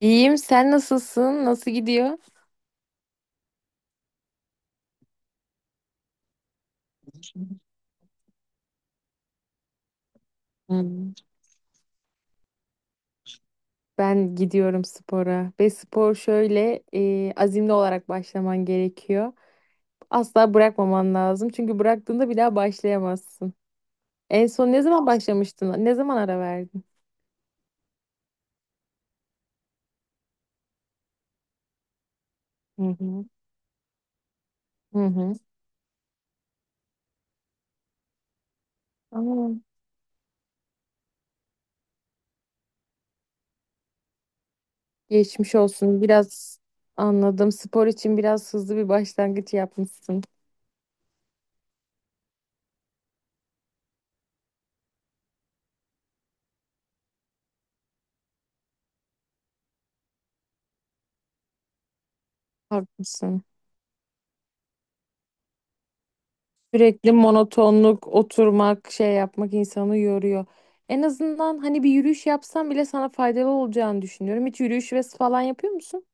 İyiyim. Sen nasılsın? Nasıl gidiyor? Hmm. Ben gidiyorum spora ve spor şöyle azimli olarak başlaman gerekiyor. Asla bırakmaman lazım çünkü bıraktığında bir daha başlayamazsın. En son ne zaman başlamıştın? Ne zaman ara verdin? Hı hı. Hı hı. Aa, geçmiş olsun. Biraz anladım. Spor için biraz hızlı bir başlangıç yapmışsın. Haklısın. Sürekli monotonluk, oturmak, şey yapmak insanı yoruyor. En azından hani bir yürüyüş yapsam bile sana faydalı olacağını düşünüyorum. Hiç yürüyüş ve falan yapıyor musun?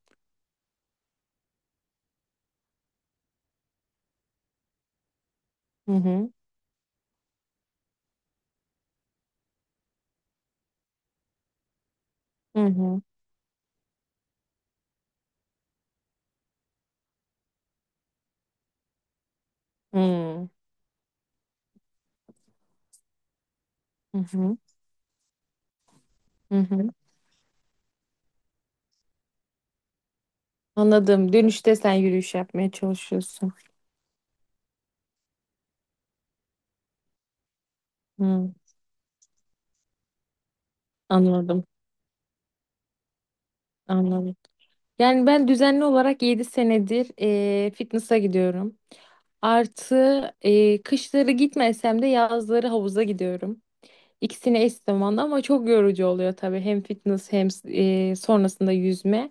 Hı hı. Hı hı. Hı hı. Hı hı. Anladım. Dönüşte sen yürüyüş yapmaya çalışıyorsun. Hı. Anladım. Anladım. Yani ben düzenli olarak 7 senedir fitness'a gidiyorum. Artı kışları gitmesem de yazları havuza gidiyorum. İkisini eş zamanlı ama çok yorucu oluyor tabii. Hem fitness hem sonrasında yüzme.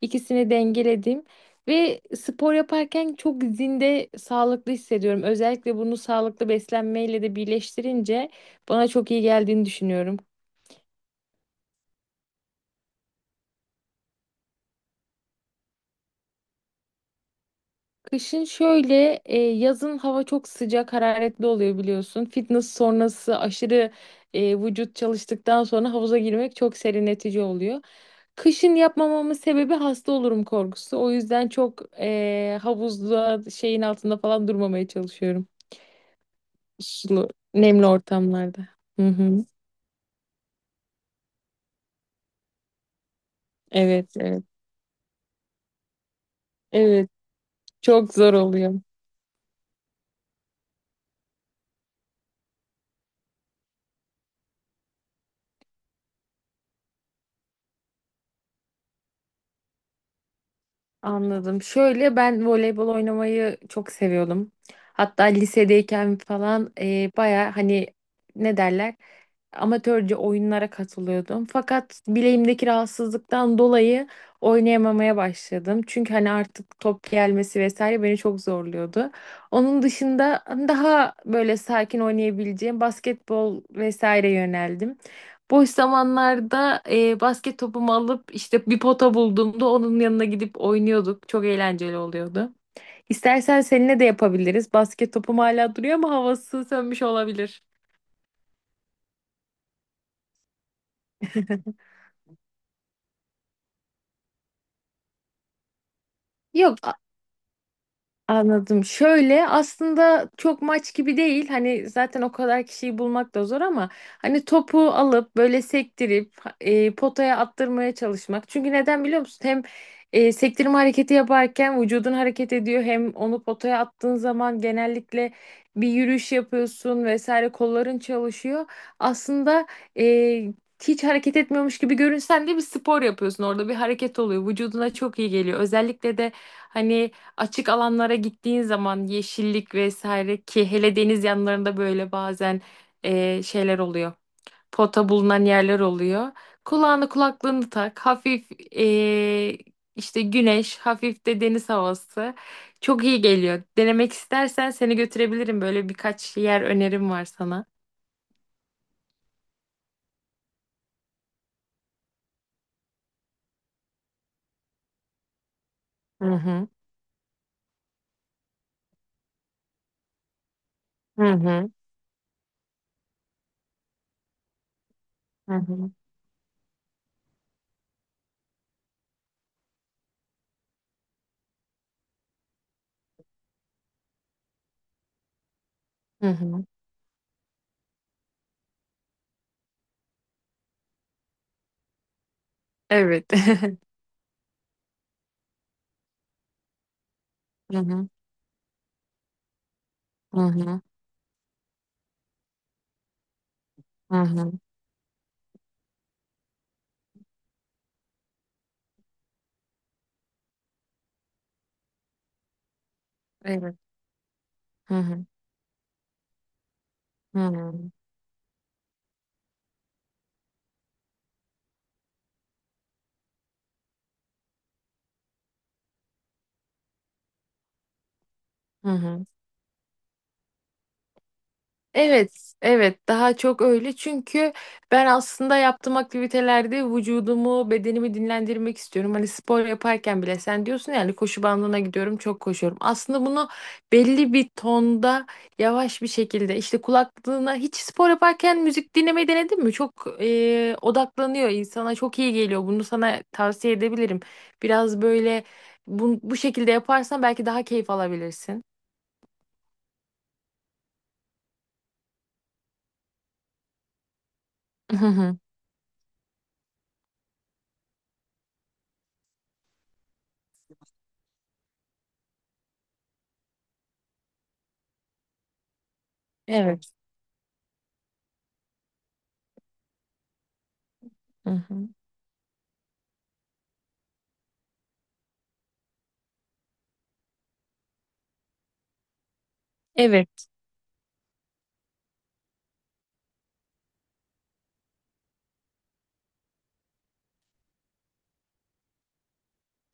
İkisini dengeledim ve spor yaparken çok zinde sağlıklı hissediyorum. Özellikle bunu sağlıklı beslenmeyle de birleştirince bana çok iyi geldiğini düşünüyorum. Kışın şöyle, yazın hava çok sıcak, hararetli oluyor biliyorsun. Fitness sonrası aşırı vücut çalıştıktan sonra havuza girmek çok serinletici oluyor. Kışın yapmamamın sebebi hasta olurum korkusu. O yüzden çok havuzda şeyin altında falan durmamaya çalışıyorum. Sulu, nemli ortamlarda. Hı hı. Evet, evet. Evet, çok zor oluyor. Anladım. Şöyle ben voleybol oynamayı çok seviyordum. Hatta lisedeyken falan baya hani ne derler amatörce oyunlara katılıyordum. Fakat bileğimdeki rahatsızlıktan dolayı oynayamamaya başladım. Çünkü hani artık top gelmesi vesaire beni çok zorluyordu. Onun dışında daha böyle sakin oynayabileceğim basketbol vesaire yöneldim. Boş zamanlarda basket topumu alıp işte bir pota bulduğumda onun yanına gidip oynuyorduk. Çok eğlenceli oluyordu. İstersen seninle de yapabiliriz. Basket topum hala duruyor ama havası sönmüş olabilir. Yok. Anladım. Şöyle aslında çok maç gibi değil. Hani zaten o kadar kişiyi bulmak da zor ama hani topu alıp böyle sektirip potaya attırmaya çalışmak. Çünkü neden biliyor musun? Hem sektirme hareketi yaparken vücudun hareket ediyor hem onu potaya attığın zaman genellikle bir yürüyüş yapıyorsun vesaire kolların çalışıyor. Aslında e, hiç hareket etmiyormuş gibi görünsen de bir spor yapıyorsun. Orada bir hareket oluyor. Vücuduna çok iyi geliyor. Özellikle de hani açık alanlara gittiğin zaman yeşillik vesaire ki hele deniz yanlarında böyle bazen şeyler oluyor. Pota bulunan yerler oluyor. Kulağını kulaklığını tak. Hafif e, işte güneş, hafif de deniz havası. Çok iyi geliyor. Denemek istersen seni götürebilirim. Böyle birkaç yer önerim var sana. Hı hı. Hı hı. Hı hı. Hı hı. Evet. Hı hı. Hı hı. Hı hı. Evet. Hı hı. Hı hı. Hı hı. Evet, evet daha çok öyle çünkü ben aslında yaptığım aktivitelerde vücudumu, bedenimi dinlendirmek istiyorum. Hani spor yaparken bile sen diyorsun yani koşu bandına gidiyorum, çok koşuyorum. Aslında bunu belli bir tonda yavaş bir şekilde işte kulaklığına hiç spor yaparken müzik dinlemeyi denedin mi? Çok odaklanıyor insana, çok iyi geliyor. Bunu sana tavsiye edebilirim. Biraz böyle bu şekilde yaparsan belki daha keyif alabilirsin. Hı hı. Evet. Hı hı. Evet.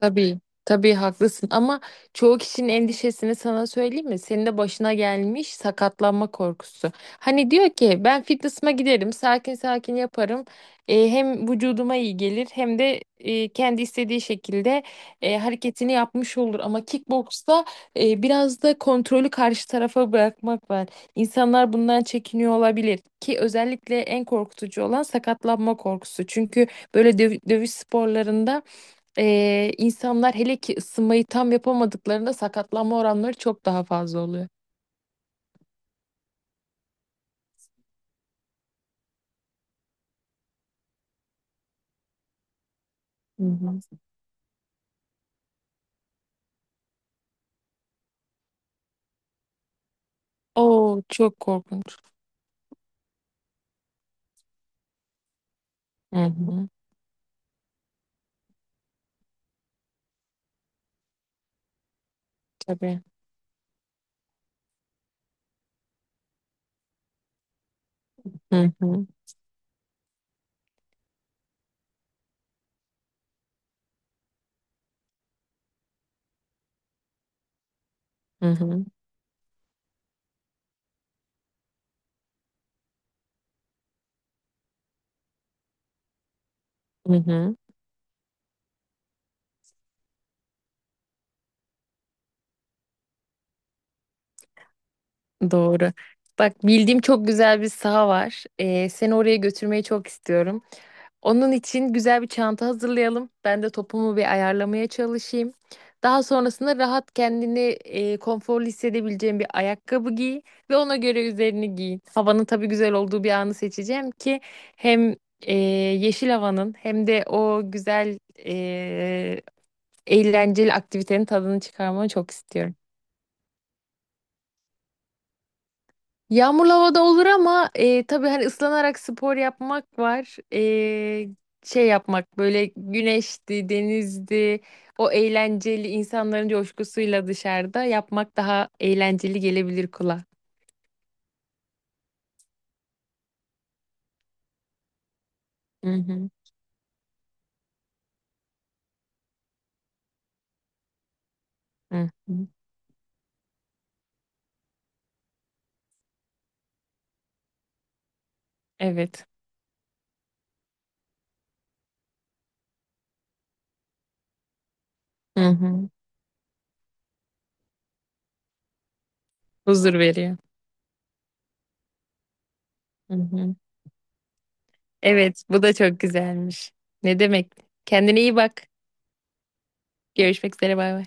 Tabii, tabii haklısın ama çoğu kişinin endişesini sana söyleyeyim mi? Senin de başına gelmiş sakatlanma korkusu. Hani diyor ki ben fitness'ıma giderim, sakin sakin yaparım. E, hem vücuduma iyi gelir hem de kendi istediği şekilde hareketini yapmış olur. Ama kickboksta biraz da kontrolü karşı tarafa bırakmak var. İnsanlar bundan çekiniyor olabilir ki özellikle en korkutucu olan sakatlanma korkusu. Çünkü böyle dövüş sporlarında insanlar hele ki ısınmayı tam yapamadıklarında sakatlanma oranları çok daha fazla oluyor. Hı hı. Oo çok korkunç. Hı hı. Tabii. Hı hı. Hı hı. Hı hı. Doğru. Bak bildiğim çok güzel bir saha var. Seni oraya götürmeyi çok istiyorum. Onun için güzel bir çanta hazırlayalım. Ben de topumu bir ayarlamaya çalışayım. Daha sonrasında rahat kendini konforlu hissedebileceğin bir ayakkabı giy ve ona göre üzerini giy. Havanın tabii güzel olduğu bir anı seçeceğim ki hem yeşil havanın hem de o güzel e, eğlenceli aktivitenin tadını çıkarmanı çok istiyorum. Yağmurlu havada olur ama tabii hani ıslanarak spor yapmak var. Şey yapmak böyle güneşti, denizdi, o eğlenceli insanların coşkusuyla dışarıda yapmak daha eğlenceli gelebilir kulağa. Hı hı, hı hı. Evet. Hı hı. Huzur veriyor. Hı hı. Evet, bu da çok güzelmiş. Ne demek? Kendine iyi bak. Görüşmek üzere, bay bay.